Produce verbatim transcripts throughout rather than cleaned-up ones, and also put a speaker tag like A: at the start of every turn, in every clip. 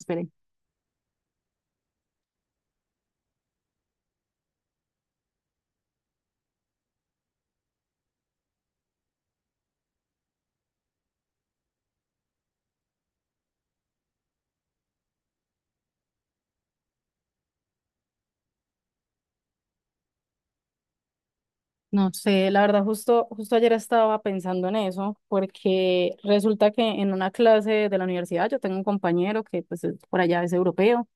A: Espere. No sé, la verdad, justo, justo ayer estaba pensando en eso, porque resulta que en una clase de la universidad yo tengo un compañero que pues es- por allá es europeo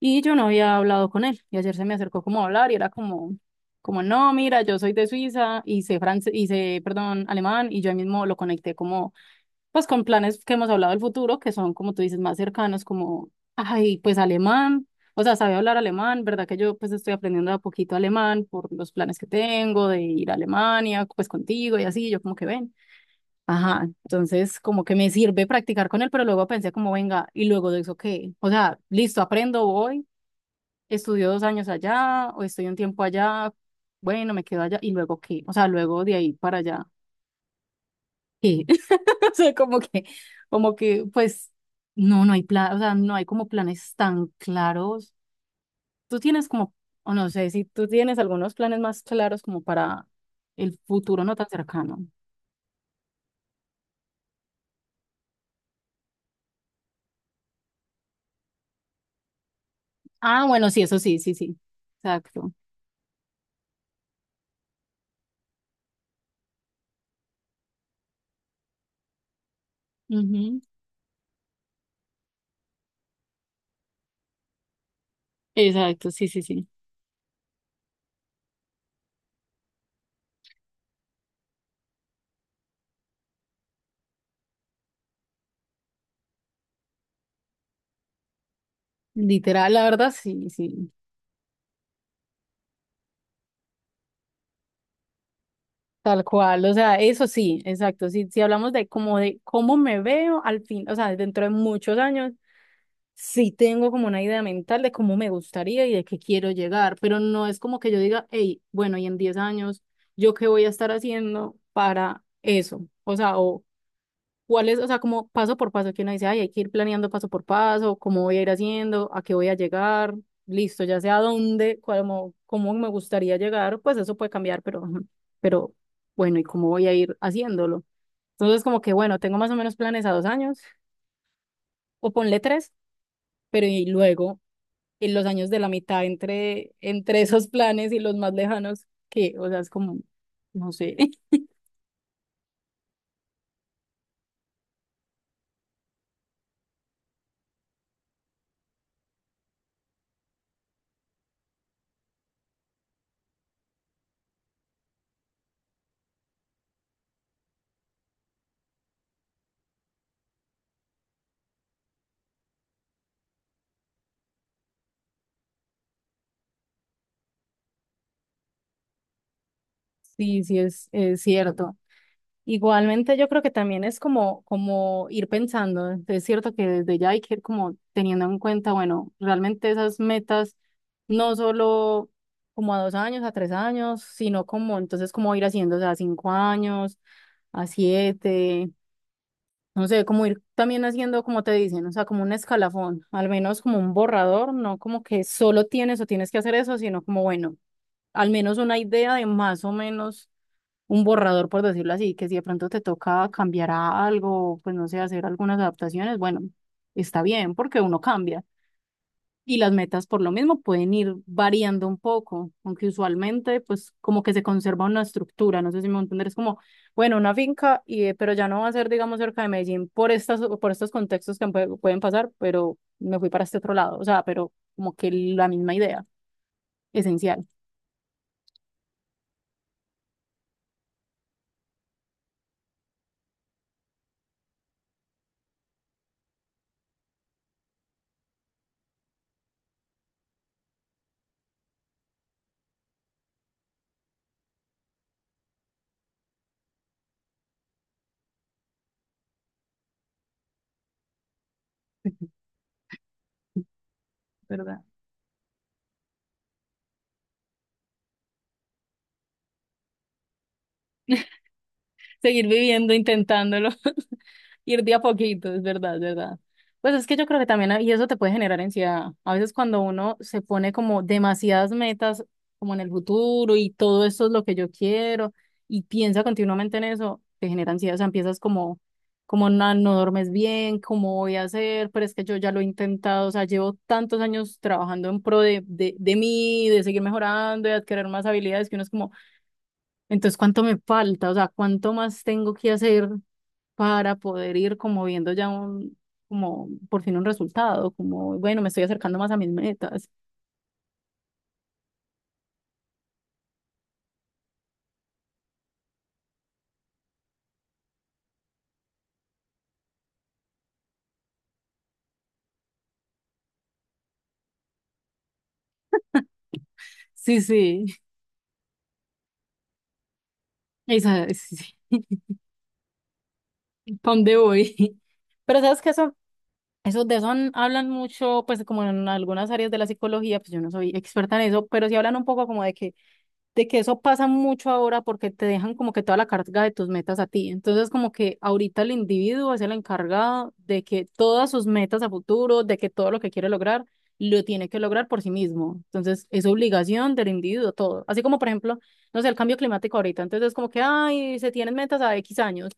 A: y yo no había hablado con él y ayer se me acercó como a hablar y era como, como no, mira, yo soy de Suiza y sé francés, y sé, perdón, alemán y yo ahí mismo lo conecté como pues con planes que hemos hablado del futuro, que son, como tú dices, más cercanos, como, ay, pues alemán, o sea, sabe hablar alemán, ¿verdad? Que yo pues estoy aprendiendo de a poquito alemán por los planes que tengo de ir a Alemania, pues contigo y así, yo como que ven. Ajá, entonces como que me sirve practicar con él, pero luego pensé como, venga, y luego de eso, ¿qué? O sea, listo, aprendo, voy, estudio dos años allá, o estoy un tiempo allá, bueno, me quedo allá, y luego, ¿qué? O sea, luego de ahí para allá, ¿qué? O sea, como que, como que, pues, no, no hay plan, o sea, no hay como planes tan claros. Tú tienes como, o no sé, si tú tienes algunos planes más claros como para el futuro no tan cercano. Ah, bueno, sí, eso sí, sí, sí. Exacto. Ujú. Exacto, sí, sí, sí. Literal, la verdad, sí, sí. Tal cual, o sea, eso sí, exacto. Si, si hablamos de como de cómo me veo al fin, o sea, dentro de muchos años, sí tengo como una idea mental de cómo me gustaría y de qué quiero llegar, pero no es como que yo diga, hey, bueno, y en diez años, ¿yo qué voy a estar haciendo para eso? O sea, o cuál es, o sea, como paso por paso, que uno dice, ay, hay que ir planeando paso por paso, cómo voy a ir haciendo, a qué voy a llegar, listo, ya sé a dónde, cómo, cómo me gustaría llegar, pues eso puede cambiar, pero, ujú, pero bueno, ¿y cómo voy a ir haciéndolo? Entonces, como que, bueno, tengo más o menos planes a dos años, o ponle tres, pero y luego en los años de la mitad entre, entre esos planes y los más lejanos, que, o sea, es como, no sé. Sí, sí es, es cierto. Igualmente yo creo que también es como, como ir pensando, es cierto que desde ya hay que ir como teniendo en cuenta, bueno, realmente esas metas, no solo como a dos años, a tres años, sino como entonces como ir haciendo, o sea, a cinco años, a siete. No sé, como ir también haciendo, como te dicen, o sea, como un escalafón, al menos como un borrador, no como que solo tienes o tienes que hacer eso, sino como, bueno, al menos una idea de más o menos un borrador, por decirlo así, que si de pronto te toca cambiar a algo, pues no sé, hacer algunas adaptaciones, bueno, está bien, porque uno cambia. Y las metas por lo mismo pueden ir variando un poco, aunque usualmente pues como que se conserva una estructura, no sé si me entender, es como, bueno, una finca, y, eh, pero ya no va a ser, digamos, cerca de Medellín por estas, por estos contextos que pue- pueden pasar, pero me fui para este otro lado, o sea, pero como que la misma idea, esencial. ¿Verdad? Seguir viviendo, intentándolo. Ir de a poquito, es verdad, es verdad. Pues es que yo creo que también, y eso te puede generar ansiedad. A veces cuando uno se pone como demasiadas metas, como en el futuro, y todo esto es lo que yo quiero, y piensa continuamente en eso, te genera ansiedad, o sea, empiezas como, como no, no duermes bien, cómo voy a hacer, pero es que yo ya lo he intentado, o sea, llevo tantos años trabajando en pro de, de, de mí, de seguir mejorando, de adquirir más habilidades, que uno es como entonces, ¿cuánto me falta? O sea, ¿cuánto más tengo que hacer para poder ir como viendo ya un, como por fin un resultado? Como, bueno, me estoy acercando más a mis metas. Sí, sí. Esa, sí, sí. ¿Para dónde voy? Pero sabes que eso, eso de eso han- hablan mucho, pues como en algunas áreas de la psicología, pues yo no soy experta en eso, pero sí hablan un poco como de que de que eso pasa mucho ahora porque te dejan como que toda la carga de tus metas a ti. Entonces, como que ahorita el individuo es el encargado de que todas sus metas a futuro, de que todo lo que quiere lograr, lo tiene que lograr por sí mismo. Entonces, es obligación del individuo todo. Así como, por ejemplo, no sé, el cambio climático ahorita. Entonces, es como que, ay, se tienen metas a X años.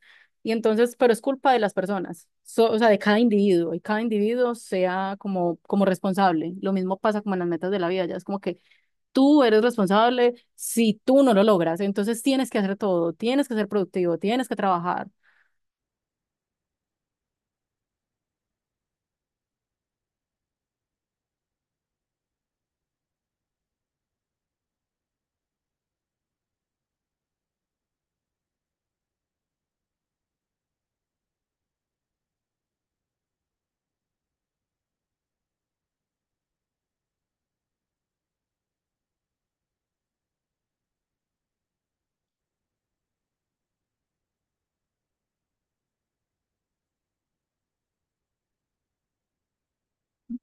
A: Y entonces, pero es culpa de las personas, so- o sea, de cada individuo, y cada individuo sea como, como responsable. Lo mismo pasa como en las metas de la vida, ya es como que tú eres responsable si tú no lo logras. Entonces tienes que hacer todo, tienes que ser productivo, tienes que trabajar.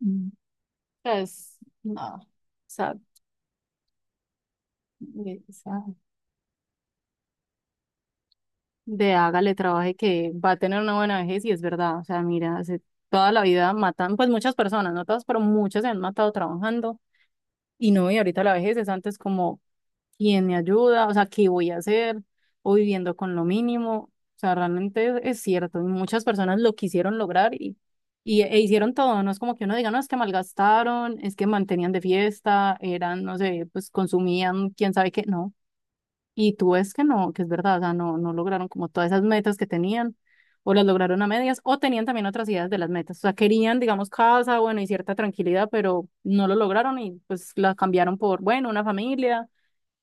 A: Mm. Pues, no, o sea, de, o sea, de hágale trabaje que va a tener una buena vejez y es verdad. O sea, mira, hace toda la vida matan, pues muchas personas, no todas, pero muchas se han matado trabajando. Y no, y ahorita la vejez es antes como quién me ayuda, o sea, qué voy a hacer, o viviendo con lo mínimo. O sea, realmente es, es cierto, y muchas personas lo quisieron lograr y, y e hicieron todo, no es como que uno diga, no, es que malgastaron, es que mantenían de fiesta, eran, no sé, pues consumían, quién sabe qué, no. Y tú ves que no, que es verdad, o sea, no, no lograron como todas esas metas que tenían, o las lograron a medias, o tenían también otras ideas de las metas, o sea, querían, digamos, casa, bueno, y cierta tranquilidad, pero no lo lograron y pues la cambiaron por, bueno, una familia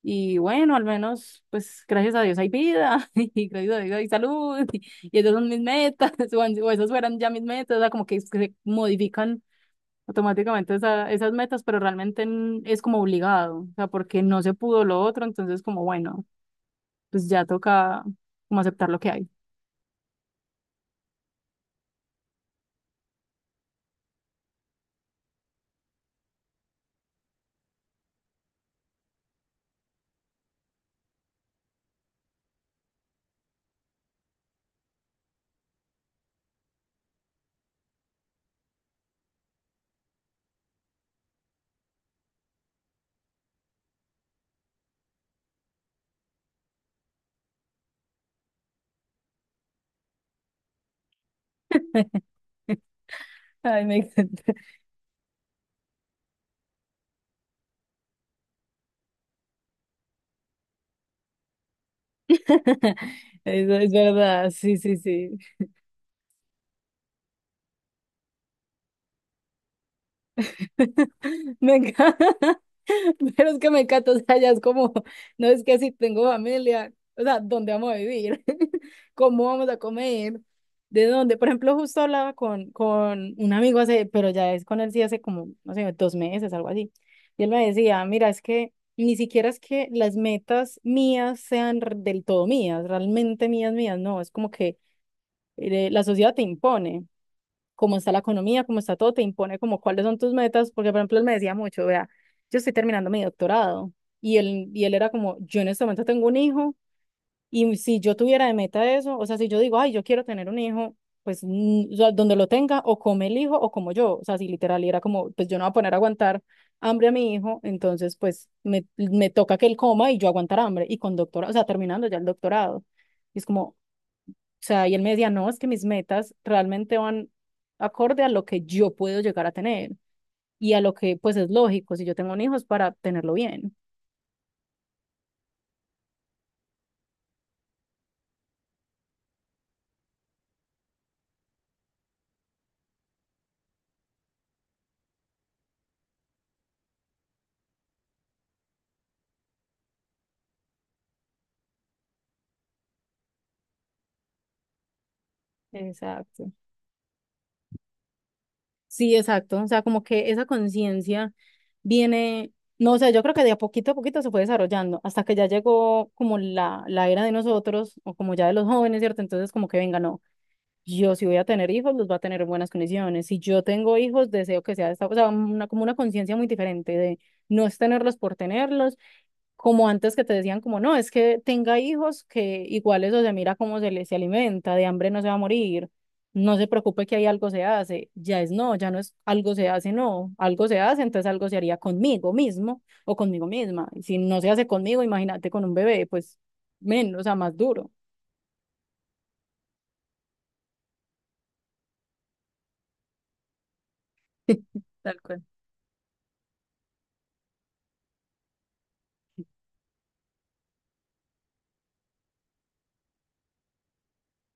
A: y bueno, al menos, pues gracias a Dios hay vida y gracias a Dios hay salud y, y esas son mis metas. o, han- o esas fueran ya mis metas, o sea, como que, es que se modifican automáticamente esa- esas metas, pero realmente n- es como obligado, o sea, porque no se pudo lo otro, entonces como bueno, pues ya toca como aceptar lo que hay. Ay, me encanta. Eso es verdad, sí, sí, sí. Me encanta. Pero es que me encanta, o sea, ya es como, no es que si tengo familia, o sea, ¿dónde vamos a vivir? ¿Cómo vamos a comer? ¿De dónde? Por ejemplo, justo hablaba con, con un amigo hace, pero ya es con él sí hace como, no sé, dos meses, algo así. Y él me decía, mira, es que ni siquiera es que las metas mías sean r- del todo mías, realmente mías, mías, no, es como que eh, la sociedad te impone cómo está la economía, cómo está todo, te impone como cuáles son tus metas, porque por ejemplo él me decía mucho, vea, yo estoy terminando mi doctorado y él, y él era como, yo en este momento tengo un hijo y si yo tuviera de meta eso, o sea, si yo digo, ay, yo quiero tener un hijo, pues mm, o sea, donde lo tenga, o come el hijo o como yo, o sea, si literal y era como, pues yo no voy a poner a aguantar hambre a mi hijo, entonces pues me, me toca que él coma y yo aguantar hambre y con doctorado, o sea, terminando ya el doctorado. Y es como, o sea, y él me decía, no, es que mis metas realmente van acorde a lo que yo puedo llegar a tener y a lo que pues es lógico si yo tengo un hijo es para tenerlo bien. Exacto. Sí, exacto. O sea, como que esa conciencia viene, no, o sea, yo creo que de a poquito a poquito se fue desarrollando hasta que ya llegó como la, la era de nosotros o como ya de los jóvenes, ¿cierto? Entonces como que venga, no. Yo si voy a tener hijos, los va a tener en buenas condiciones. Si yo tengo hijos, deseo que sea de esta, o sea, una, como una conciencia muy diferente de no es tenerlos por tenerlos, como antes que te decían como no, es que tenga hijos que igual eso se mira cómo se les se alimenta, de hambre no se va a morir, no se preocupe que ahí algo se hace, ya es no, ya no es algo se hace, no, algo se hace, entonces algo se haría conmigo mismo o conmigo misma. Y si no se hace conmigo, imagínate con un bebé, pues menos, o sea, más duro. Tal cual.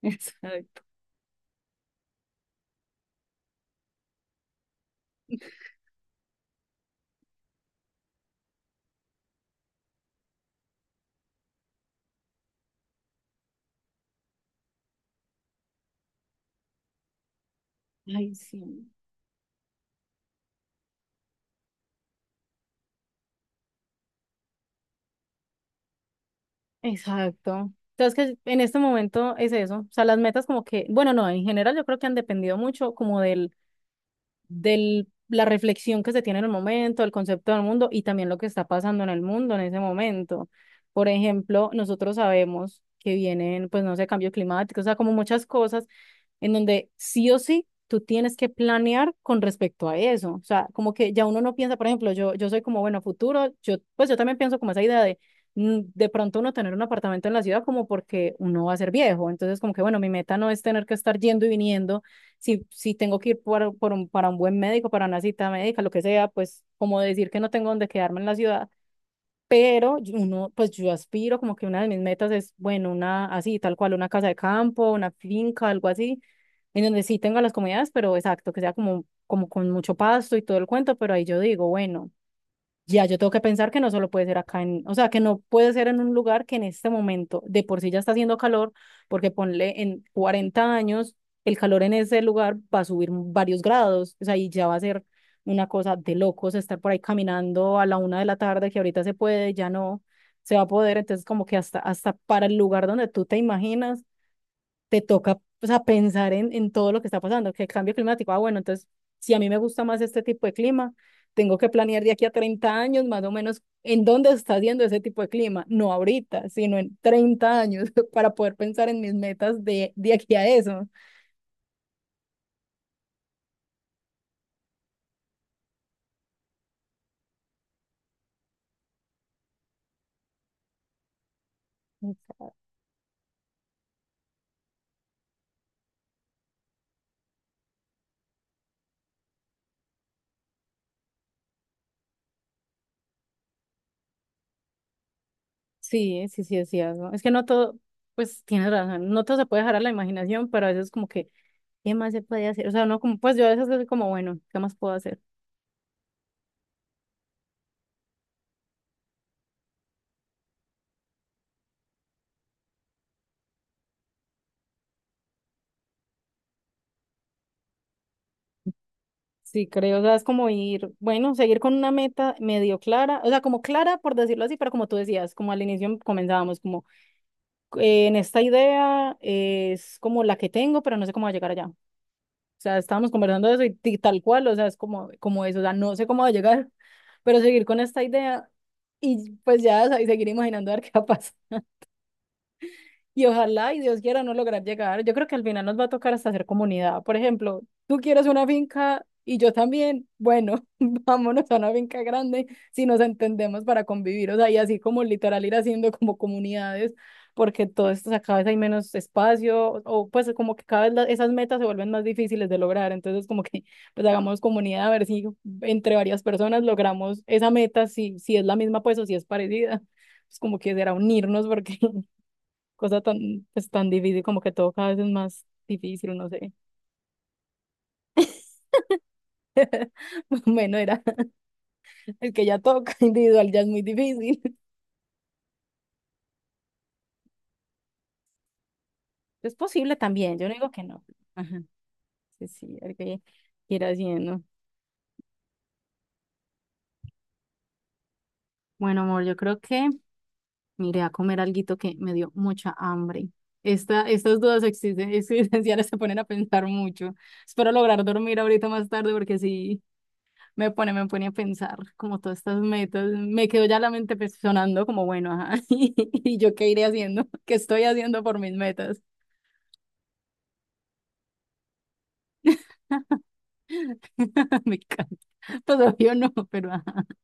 A: Exacto. Ay, sí. Exacto. Entonces que en este momento es eso, o sea, las metas como que, bueno, no, en general yo creo que han dependido mucho como del de la reflexión que se tiene en el momento, el concepto del mundo y también lo que está pasando en el mundo en ese momento. Por ejemplo, nosotros sabemos que vienen, pues no sé, cambios climáticos, o sea, como muchas cosas en donde sí o sí tú tienes que planear con respecto a eso. O sea, como que ya uno no piensa, por ejemplo, yo, yo soy como, bueno, futuro, yo, pues yo también pienso como esa idea de mm, de pronto uno tener un apartamento en la ciudad como porque uno va a ser viejo. Entonces, como que, bueno, mi meta no es tener que estar yendo y viniendo. Si, si tengo que ir por, por un- para un buen médico, para una cita médica, lo que sea, pues como decir que no tengo donde quedarme en la ciudad pero yo- uno, pues yo aspiro, como que una de mis metas es, bueno, una así, tal cual, una casa de campo, una finca, algo así, en donde sí tenga las comodidades, pero exacto, que sea como, como con mucho pasto y todo el cuento, pero ahí yo digo, bueno. Ya, yo tengo que pensar que no solo puede ser acá en, o sea, que no puede ser en un lugar que en este momento de por sí ya está haciendo calor, porque ponle en cuarenta años, el calor en ese lugar va a subir varios grados, o sea, y ya va a ser una cosa de locos estar por ahí caminando a la una de la tarde, que ahorita se puede, ya no se va a poder, entonces como que hasta, hasta para el lugar donde tú te imaginas, te toca o sea, pensar en, en todo lo que está pasando, que el cambio climático, ah, bueno, entonces, si a mí me gusta más este tipo de clima, tengo que planear de aquí a treinta años más o menos en dónde está haciendo ese tipo de clima, no ahorita, sino en treinta años para poder pensar en mis metas de, de aquí a eso. Sí, sí, sí, es cierto. Es que no todo, pues tienes razón, no todo se puede dejar a la imaginación, pero a veces como que, ¿qué más se puede hacer? O sea, no como, pues yo a veces soy como, bueno, ¿qué más puedo hacer? Sí, creo, o sea, es como ir, bueno, seguir con una meta medio clara, o sea, como clara por decirlo así, pero como tú decías, como al inicio comenzábamos, como eh, en esta idea es como la que tengo, pero no sé cómo va a llegar allá. O sea, estábamos conversando de eso y, ti- tal cual, o sea, es como, como eso, o sea, no sé cómo va a llegar, pero seguir con esta idea y pues ya, o sea, y seguir imaginando a ver qué va a pasar y ojalá y Dios quiera no lograr llegar. Yo creo que al final nos va a tocar hasta hacer comunidad. Por ejemplo, tú quieres una finca y yo también. Bueno, vámonos a una finca grande si nos entendemos para convivir. O sea, y así como literal ir haciendo como comunidades, porque todo esto o sea, cada vez hay menos espacio o o, pues como que cada vez la- esas metas se vuelven más difíciles de lograr. Entonces como que pues hagamos comunidad a ver si entre varias personas logramos esa meta, si, si es la misma pues o si es parecida. Pues como que será unirnos porque cosa tan, pues, tan difícil, como que todo cada vez es más difícil, no sé. Bueno, era el que ya toca individual, ya es muy difícil. Es posible también, yo no digo que no. Ajá, sí, sí, el que quiera haciendo. Bueno, amor, yo creo que me iré a comer alguito que me dio mucha hambre. Esta, estas dudas existen, existenciales se ponen a pensar mucho. Espero lograr dormir ahorita más tarde porque sí. Me pone, me pone a pensar como todas estas metas. Me quedó ya la mente pues, sonando como, bueno, ajá, ¿y yo qué iré haciendo? ¿Qué estoy haciendo por mis metas? Me encanta. Pues obvio no, pero ajá.